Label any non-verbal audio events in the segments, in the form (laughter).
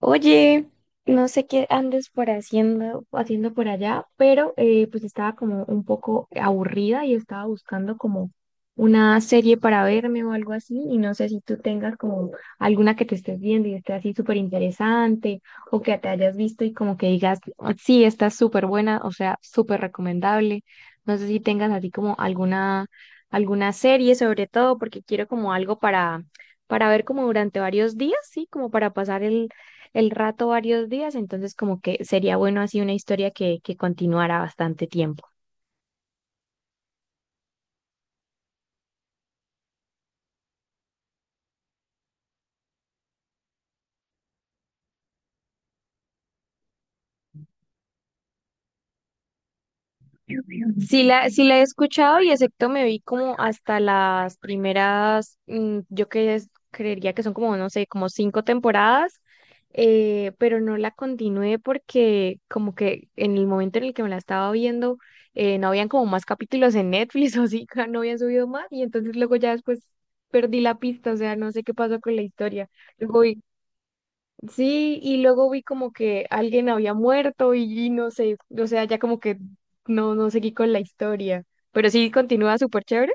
Oye, no sé qué andes por haciendo por allá, pero pues estaba como un poco aburrida y estaba buscando como una serie para verme o algo así, y no sé si tú tengas como alguna que te estés viendo y esté así súper interesante, o que te hayas visto y como que digas, "Ah, sí, está súper buena, o sea, súper recomendable." No sé si tengas así como alguna, alguna serie sobre todo, porque quiero como algo para ver como durante varios días, sí, como para pasar el rato varios días, entonces como que sería bueno así una historia que continuara bastante tiempo. Ujú. Sí la he escuchado y excepto me vi como hasta las primeras, yo creería que son como, no sé, como cinco temporadas, pero no la continué porque como que en el momento en el que me la estaba viendo, no habían como más capítulos en Netflix (laughs) o así, no habían subido más y entonces luego ya después perdí la pista, o sea, no sé qué pasó con la historia. Luego vi Sí, y luego vi como que alguien había muerto y no sé, o sea, ya como que no seguí con la historia, pero sí continúa súper chévere.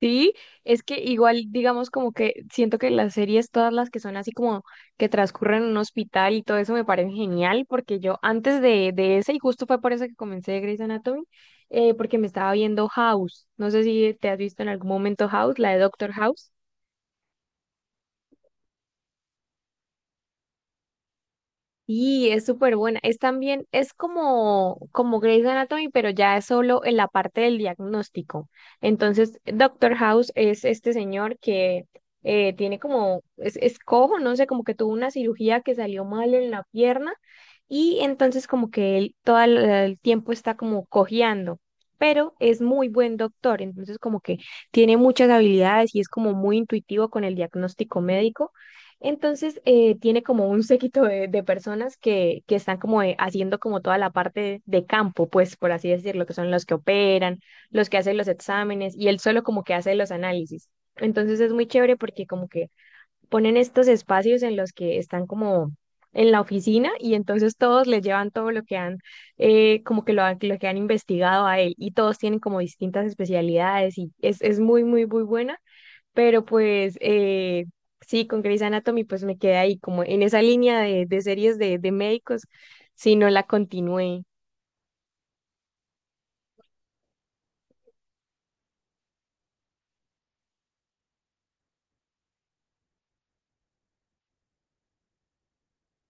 Sí, es que igual, digamos, como que siento que las series, todas las que son así como que transcurren en un hospital y todo eso me parecen genial, porque yo antes de ese, y justo fue por eso que comencé Grey's Anatomy, porque me estaba viendo House, no sé si te has visto en algún momento House, la de Doctor House. Y es súper buena. Es también, es como, como Grey's Anatomy, pero ya es solo en la parte del diagnóstico. Entonces, Doctor House es este señor que tiene como, es cojo, no sé, como que tuvo una cirugía que salió mal en la pierna y entonces como que él todo el tiempo está como cojeando. Pero es muy buen doctor, entonces como que tiene muchas habilidades y es como muy intuitivo con el diagnóstico médico. Entonces, tiene como un séquito de personas que están como haciendo como toda la parte de campo, pues por así decirlo, que son los que operan, los que hacen los exámenes y él solo como que hace los análisis. Entonces es muy chévere porque como que ponen estos espacios en los que están como en la oficina y entonces todos le llevan todo lo que han, como que lo que han investigado a él y todos tienen como distintas especialidades y es muy, muy, muy buena pero pues sí, con Grey's Anatomy pues me quedé ahí como en esa línea de series de médicos, si no la continué.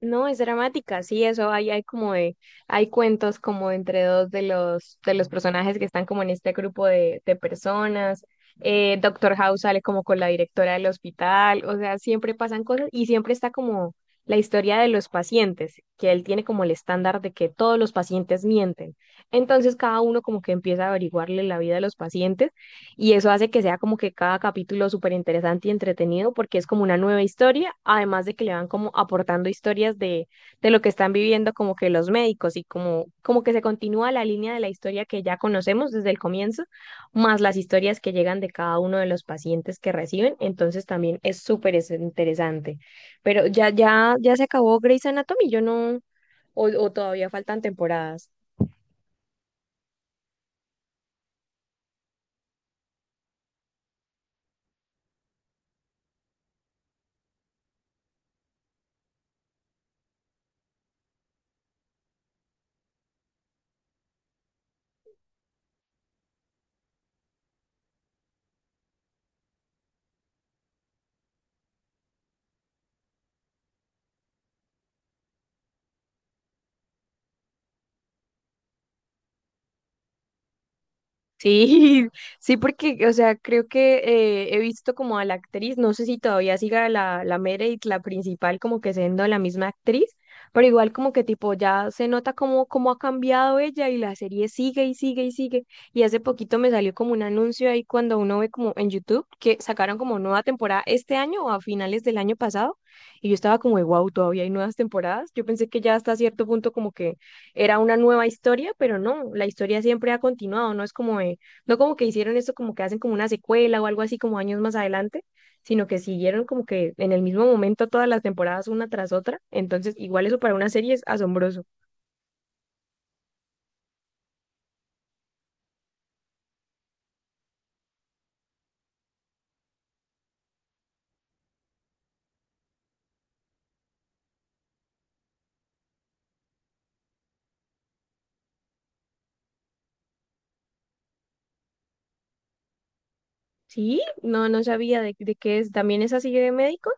No, es dramática, sí, eso hay, hay como de, hay cuentos como entre dos de los personajes que están como en este grupo de personas. Doctor House sale como con la directora del hospital, o sea, siempre pasan cosas y siempre está como la historia de los pacientes, que él tiene como el estándar de que todos los pacientes mienten. Entonces cada uno como que empieza a averiguarle la vida a los pacientes y eso hace que sea como que cada capítulo súper interesante y entretenido porque es como una nueva historia, además de que le van como aportando historias de lo que están viviendo como que los médicos y como, como que se continúa la línea de la historia que ya conocemos desde el comienzo, más las historias que llegan de cada uno de los pacientes que reciben, entonces también es súper interesante. Pero ya, ya, ya se acabó Grey's Anatomy, yo no, o todavía faltan temporadas. Sí, (laughs) sí, porque, o sea, creo que he visto como a la actriz, no sé si todavía siga la, la Meredith, la principal, como que siendo la misma actriz, pero igual como que tipo ya se nota como, como ha cambiado ella y la serie sigue y sigue y sigue. Y hace poquito me salió como un anuncio ahí cuando uno ve como en YouTube que sacaron como nueva temporada este año o a finales del año pasado y yo estaba como de wow, todavía hay nuevas temporadas. Yo pensé que ya hasta cierto punto como que era una nueva historia, pero no, la historia siempre ha continuado, no es no como que hicieron esto como que hacen como una secuela o algo así como años más adelante, sino que siguieron como que en el mismo momento todas las temporadas una tras otra, entonces igual eso para una serie es asombroso. Sí, no, no sabía de qué es, también es así de médicos.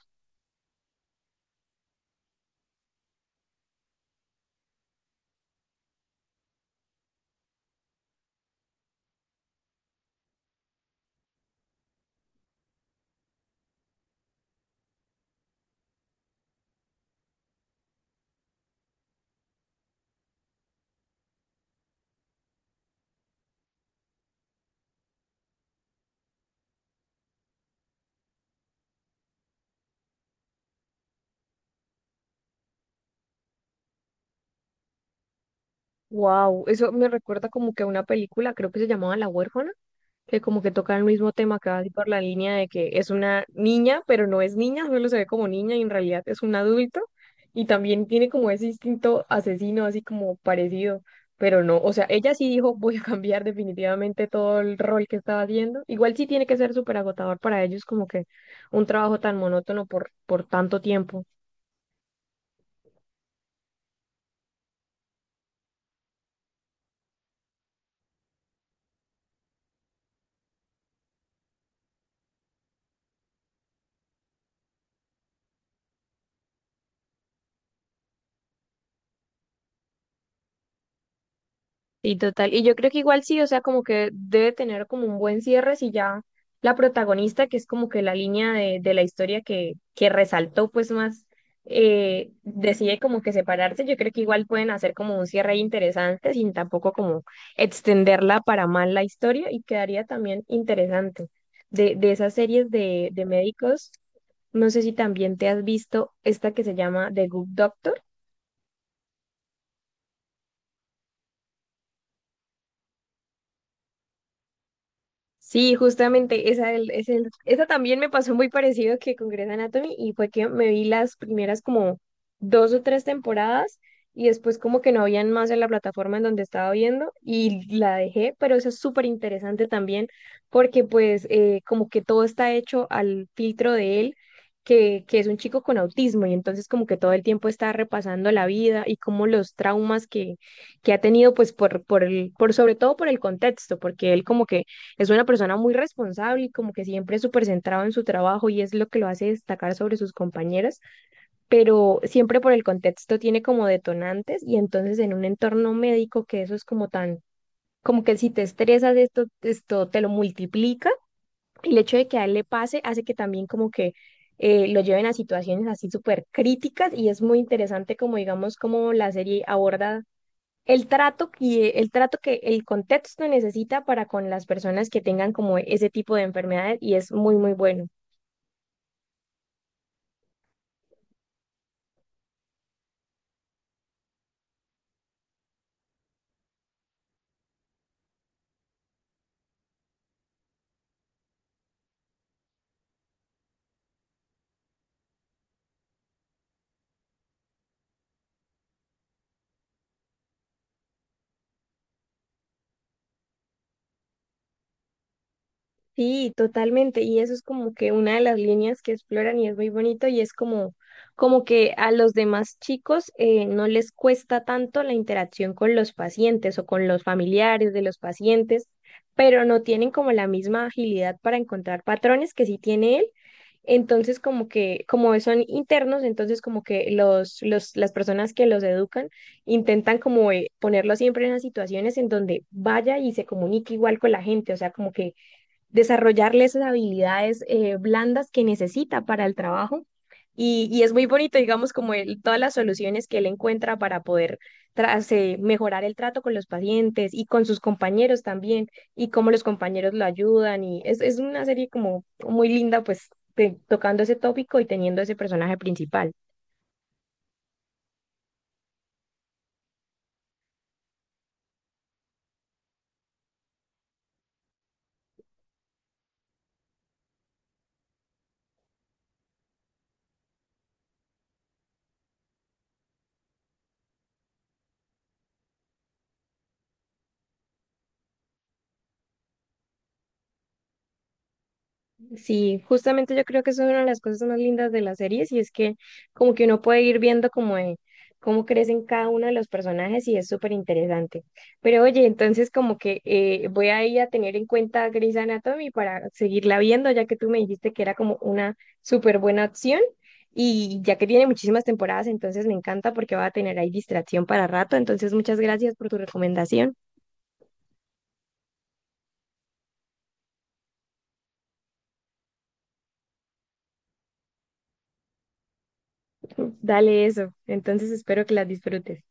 Wow, eso me recuerda como que a una película, creo que se llamaba La Huérfana, que como que toca el mismo tema casi por la línea de que es una niña, pero no es niña, solo se ve como niña y en realidad es un adulto y también tiene como ese instinto asesino así como parecido, pero no, o sea, ella sí dijo voy a cambiar definitivamente todo el rol que estaba haciendo, igual sí tiene que ser súper agotador para ellos como que un trabajo tan monótono por tanto tiempo. Y total, y yo creo que igual sí, o sea, como que debe tener como un buen cierre si ya la protagonista, que es como que la línea de la historia que resaltó pues más, decide como que separarse, yo creo que igual pueden hacer como un cierre interesante sin tampoco como extenderla para mal la historia y quedaría también interesante. De esas series de médicos, no sé si también te has visto esta que se llama The Good Doctor. Sí, justamente esa, esa también me pasó muy parecido que con Grey's Anatomy y fue que me vi las primeras como dos o tres temporadas y después como que no habían más en la plataforma en donde estaba viendo y la dejé, pero eso es súper interesante también porque pues como que todo está hecho al filtro de él, que es un chico con autismo y entonces como que todo el tiempo está repasando la vida y como los traumas que ha tenido pues por el, por sobre todo por el contexto, porque él como que es una persona muy responsable y como que siempre es súper centrado en su trabajo y es lo que lo hace destacar sobre sus compañeras, pero siempre por el contexto tiene como detonantes y entonces en un entorno médico que eso es como tan, como que si te estresas esto te lo multiplica y el hecho de que a él le pase hace que también como que lo lleven a situaciones así súper críticas y es muy interesante como digamos como la serie aborda el trato el trato que el contexto necesita para con las personas que tengan como ese tipo de enfermedades y es muy, muy bueno. Sí, totalmente. Y eso es como que una de las líneas que exploran y es muy bonito y es como, como que a los demás chicos no les cuesta tanto la interacción con los pacientes o con los familiares de los pacientes, pero no tienen como la misma agilidad para encontrar patrones que sí tiene él. Entonces, como que, como son internos, entonces como que las personas que los educan intentan como ponerlo siempre en las situaciones en donde vaya y se comunique igual con la gente, o sea, como que desarrollarle esas habilidades blandas que necesita para el trabajo. Y es muy bonito, digamos, como todas las soluciones que él encuentra para poder mejorar el trato con los pacientes y con sus compañeros también, y cómo los compañeros lo ayudan. Y es una serie como muy linda, pues, tocando ese tópico y teniendo ese personaje principal. Sí, justamente yo creo que eso es una de las cosas más lindas de las series y es que como que uno puede ir viendo cómo crecen cada uno de los personajes y es súper interesante. Pero oye, entonces como que voy a ir a tener en cuenta Grey's Anatomy para seguirla viendo, ya que tú me dijiste que era como una súper buena opción y ya que tiene muchísimas temporadas, entonces me encanta porque va a tener ahí distracción para rato. Entonces muchas gracias por tu recomendación. Dale eso, entonces espero que las disfrutes.